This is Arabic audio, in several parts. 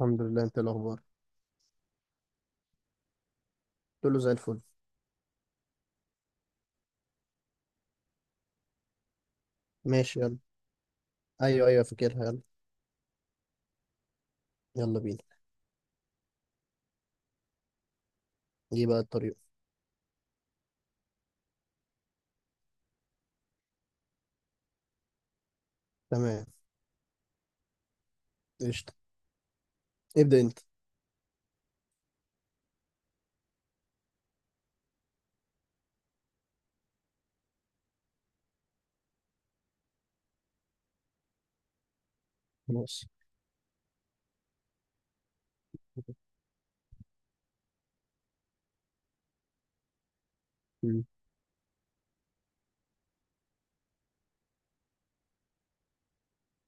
الحمد لله. انت إيه الاخبار؟ قلت له زي الفل. ماشي يلا. ايوه ايوه فاكرها يلا. يلا بينا. ايه بقى الطريقه؟ تمام. قشطه. ابدا انت. خلاص. مم.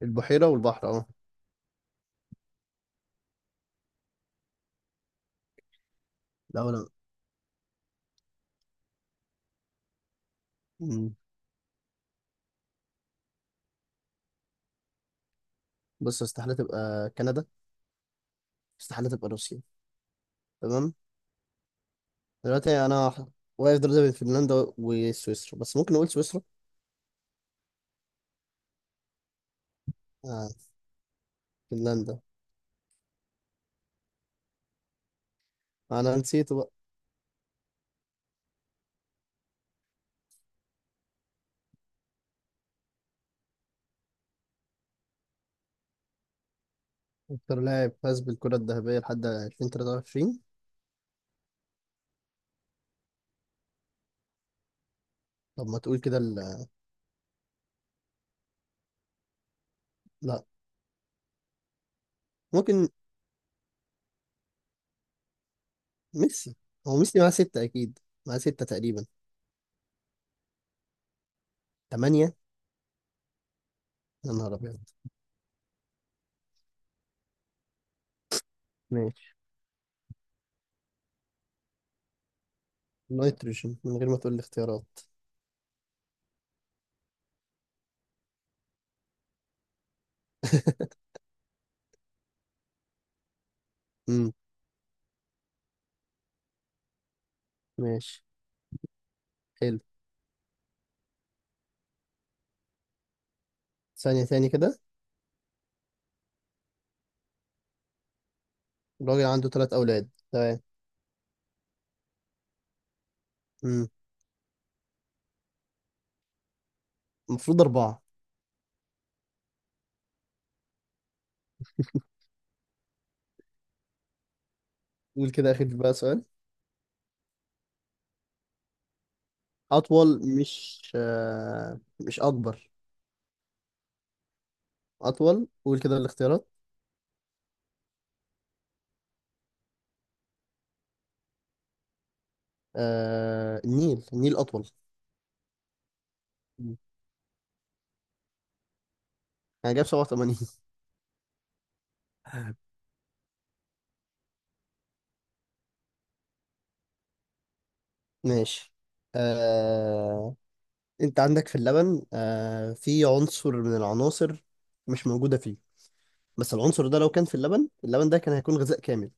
البحيره والبحر اهو. لا لا. مم. بص استحاله تبقى كندا. استحاله تبقى روسيا. تمام. دلوقتي واقف دلوقتي بين فنلندا وسويسرا، بس ممكن اقول سويسرا. آه. فنلندا. انا نسيت بقى. اكتر لاعب فاز بالكره الذهبيه لحد 2023؟ طب ما تقول كده لا. ممكن. ميسي. هو ميسي معاه ستة أكيد. معاه ستة تقريبا. تمانية؟ يا نهار أبيض. ماشي. نيتروجين من غير ما تقول لي اختيارات. امم ماشي. حلو. ثانية تاني كده. الراجل عنده ثلاث أولاد، تمام. امم المفروض أربعة. قول كده آخر بقى سؤال. أطول مش آه، مش أكبر. أطول. قول كده الاختيارات. آه، النيل، النيل أطول. مم. أنا جايب 87. ماشي. آه، انت عندك في اللبن، آه، في عنصر من العناصر مش موجودة فيه. بس العنصر ده لو كان في اللبن، اللبن ده كان هيكون غذاء كامل.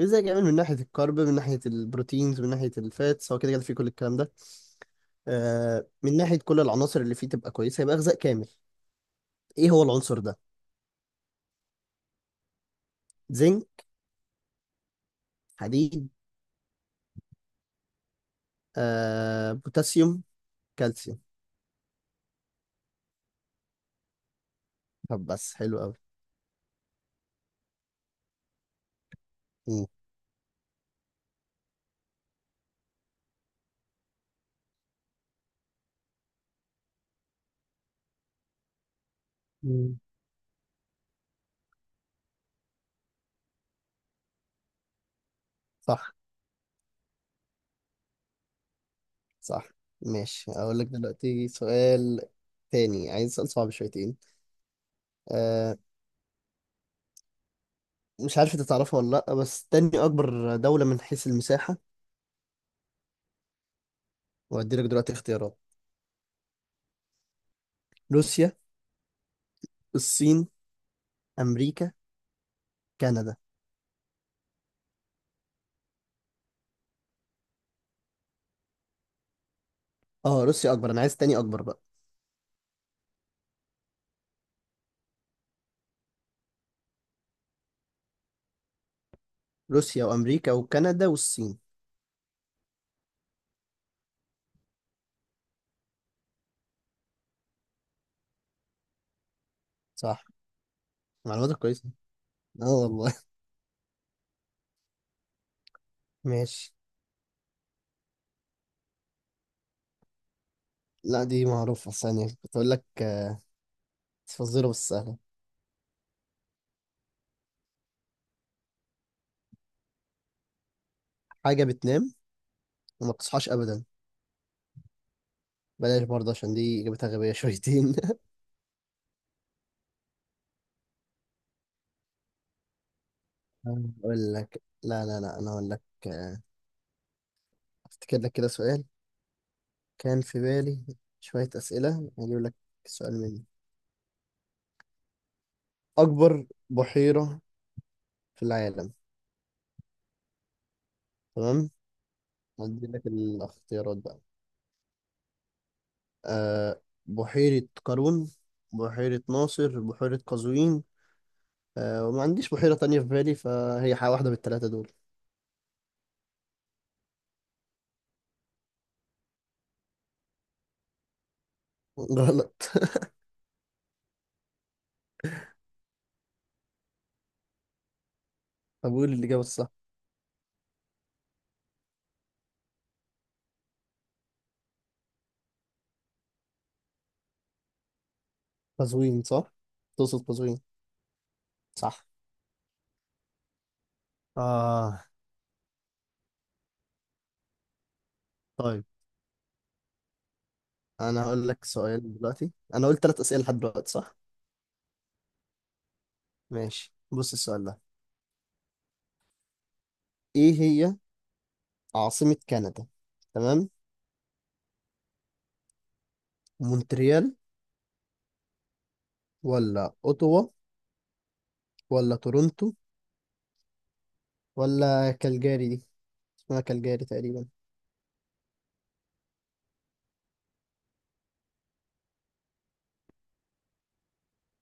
غذاء كامل من ناحية الكارب، من ناحية البروتينز، من ناحية الفاتس، هو كده كده فيه كل الكلام ده. آه، من ناحية كل العناصر اللي فيه تبقى كويسة، يبقى غذاء كامل. ايه هو العنصر ده؟ زنك. حديد. آه، بوتاسيوم. كالسيوم. طب بس حلو قوي. مم. مم. صح. صح. ماشي اقول لك دلوقتي سؤال تاني. عايز سؤال صعب شويتين. آه، مش عارف انت تعرفها ولا لا، بس تاني اكبر دولة من حيث المساحة. وهدي لك دلوقتي اختيارات. روسيا، الصين، امريكا، كندا. اه روسيا اكبر، انا عايز تاني اكبر بقى. روسيا وامريكا وكندا والصين. صح. معلوماتك كويسة. اه والله. ماشي. لا دي معروفة. ثانية كنت اقول لك آه، فزورة بس سهلة. حاجة بتنام وما بتصحاش ابدا. بلاش برضه، عشان دي اجابتها غبية شويتين. اقول لك، لا لا لا، انا اقول لك. آه، افتكر لك كده سؤال كان في بالي. شوية أسئلة هجيب لك. سؤال مني. أكبر بحيرة في العالم. تمام. هدي لك الاختيارات بقى. أه، بحيرة قارون، بحيرة ناصر، بحيرة قزوين. أه وما عنديش بحيرة تانية في بالي، فهي واحدة من التلاتة دول. غلط. طب قول الإجابة الصح. قزوين صح؟ تقصد قزوين. صح. آه. طيب أنا هقول لك سؤال دلوقتي. أنا قلت تلات أسئلة لحد دلوقتي صح؟ ماشي بص السؤال ده. إيه هي عاصمة كندا؟ تمام. مونتريال ولا أوتوا ولا تورونتو ولا كالجاري دي؟ اسمها كالجاري تقريبا.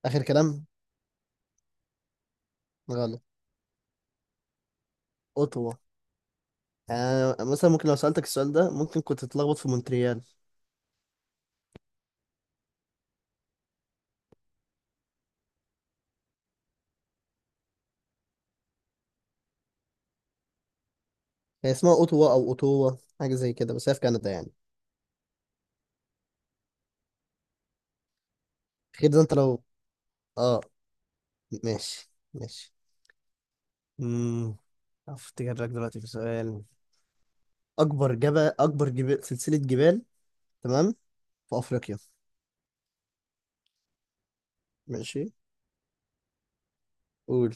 آخر كلام. غلط. أوتوا. يعني أنا مثلا ممكن لو سألتك السؤال ده، ممكن كنت تتلخبط في مونتريال. هي اسمها أوتوا أو أوتوا، حاجة زي كده، بس هي في كندا يعني. خير ده أنت لو آه، ماشي ماشي. امم أفتكر لك دلوقتي في سؤال. أكبر جبال، سلسلة جبال، تمام، في أفريقيا. ماشي قول.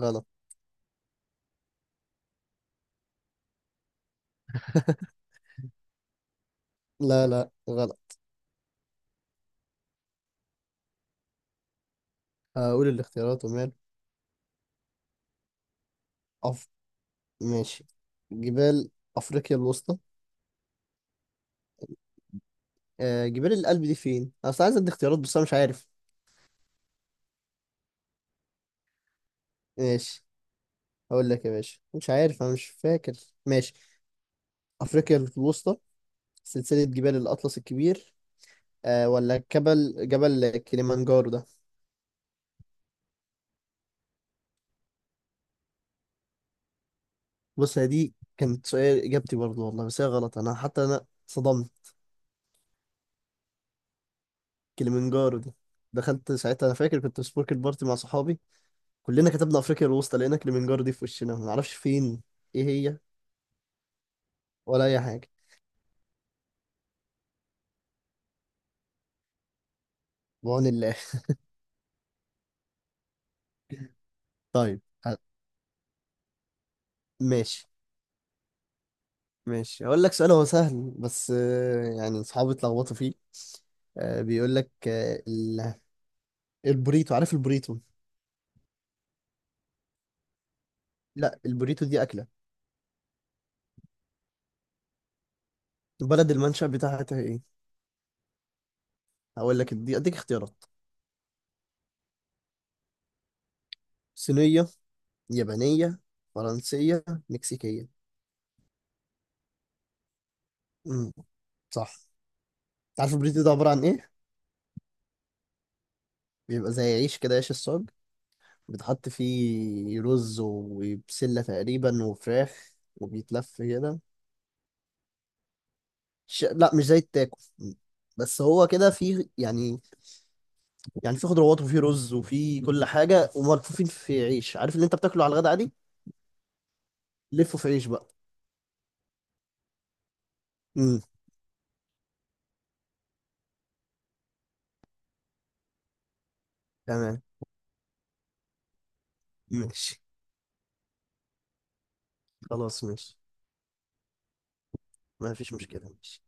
غلط. لا لا غلط. هقول الاختيارات ومال. أف... ماشي. جبال أفريقيا الوسطى. آه، جبال القلب دي فين؟ أنا أصل عايز أدي اختيارات بس أنا مش عارف. ماشي هقول لك يا باشا، مش عارف أنا، مش فاكر. ماشي. أفريقيا الوسطى، سلسلة جبال الأطلس الكبير، آه ولا جبل كليمانجارو ده. بص هي دي كانت سؤال إجابتي برضه والله، بس هي غلط. أنا حتى أنا صدمت. كليمانجارو دي. دخلت ساعتها، انا فاكر كنت في سبورك البارتي مع صحابي. كلنا كتبنا افريقيا الوسطى، لقينا كليمنجارو دي في وشنا ما نعرفش فين. ايه هي؟ ولا اي حاجه. بعون الله. طيب ه- ماشي ماشي. هقول لك سؤال هو سهل، بس يعني اصحابي اتلخبطوا فيه. بيقول لك البوريتو، عارف البوريتو؟ لا البوريتو دي اكله. بلد المنشأ بتاعتها ايه؟ هقول لك، دي اديك اختيارات. صينيه، يابانيه، فرنسيه، مكسيكيه. امم صح. عارف البوريتو ده عباره عن ايه؟ بيبقى زي عيش كده، عيش الصاج، بيتحط فيه رز وبسله تقريبا وفراخ، وبيتلف كده. لا مش زي التاكو، بس هو كده فيه يعني. يعني فيه خضروات وفيه رز وفيه كل حاجة، وملفوفين في عيش، عارف اللي انت بتاكله على الغدا عادي، لفه في عيش بقى. امم تمام. ماشي خلاص ماشي. ما فيش مشكلة ماشي.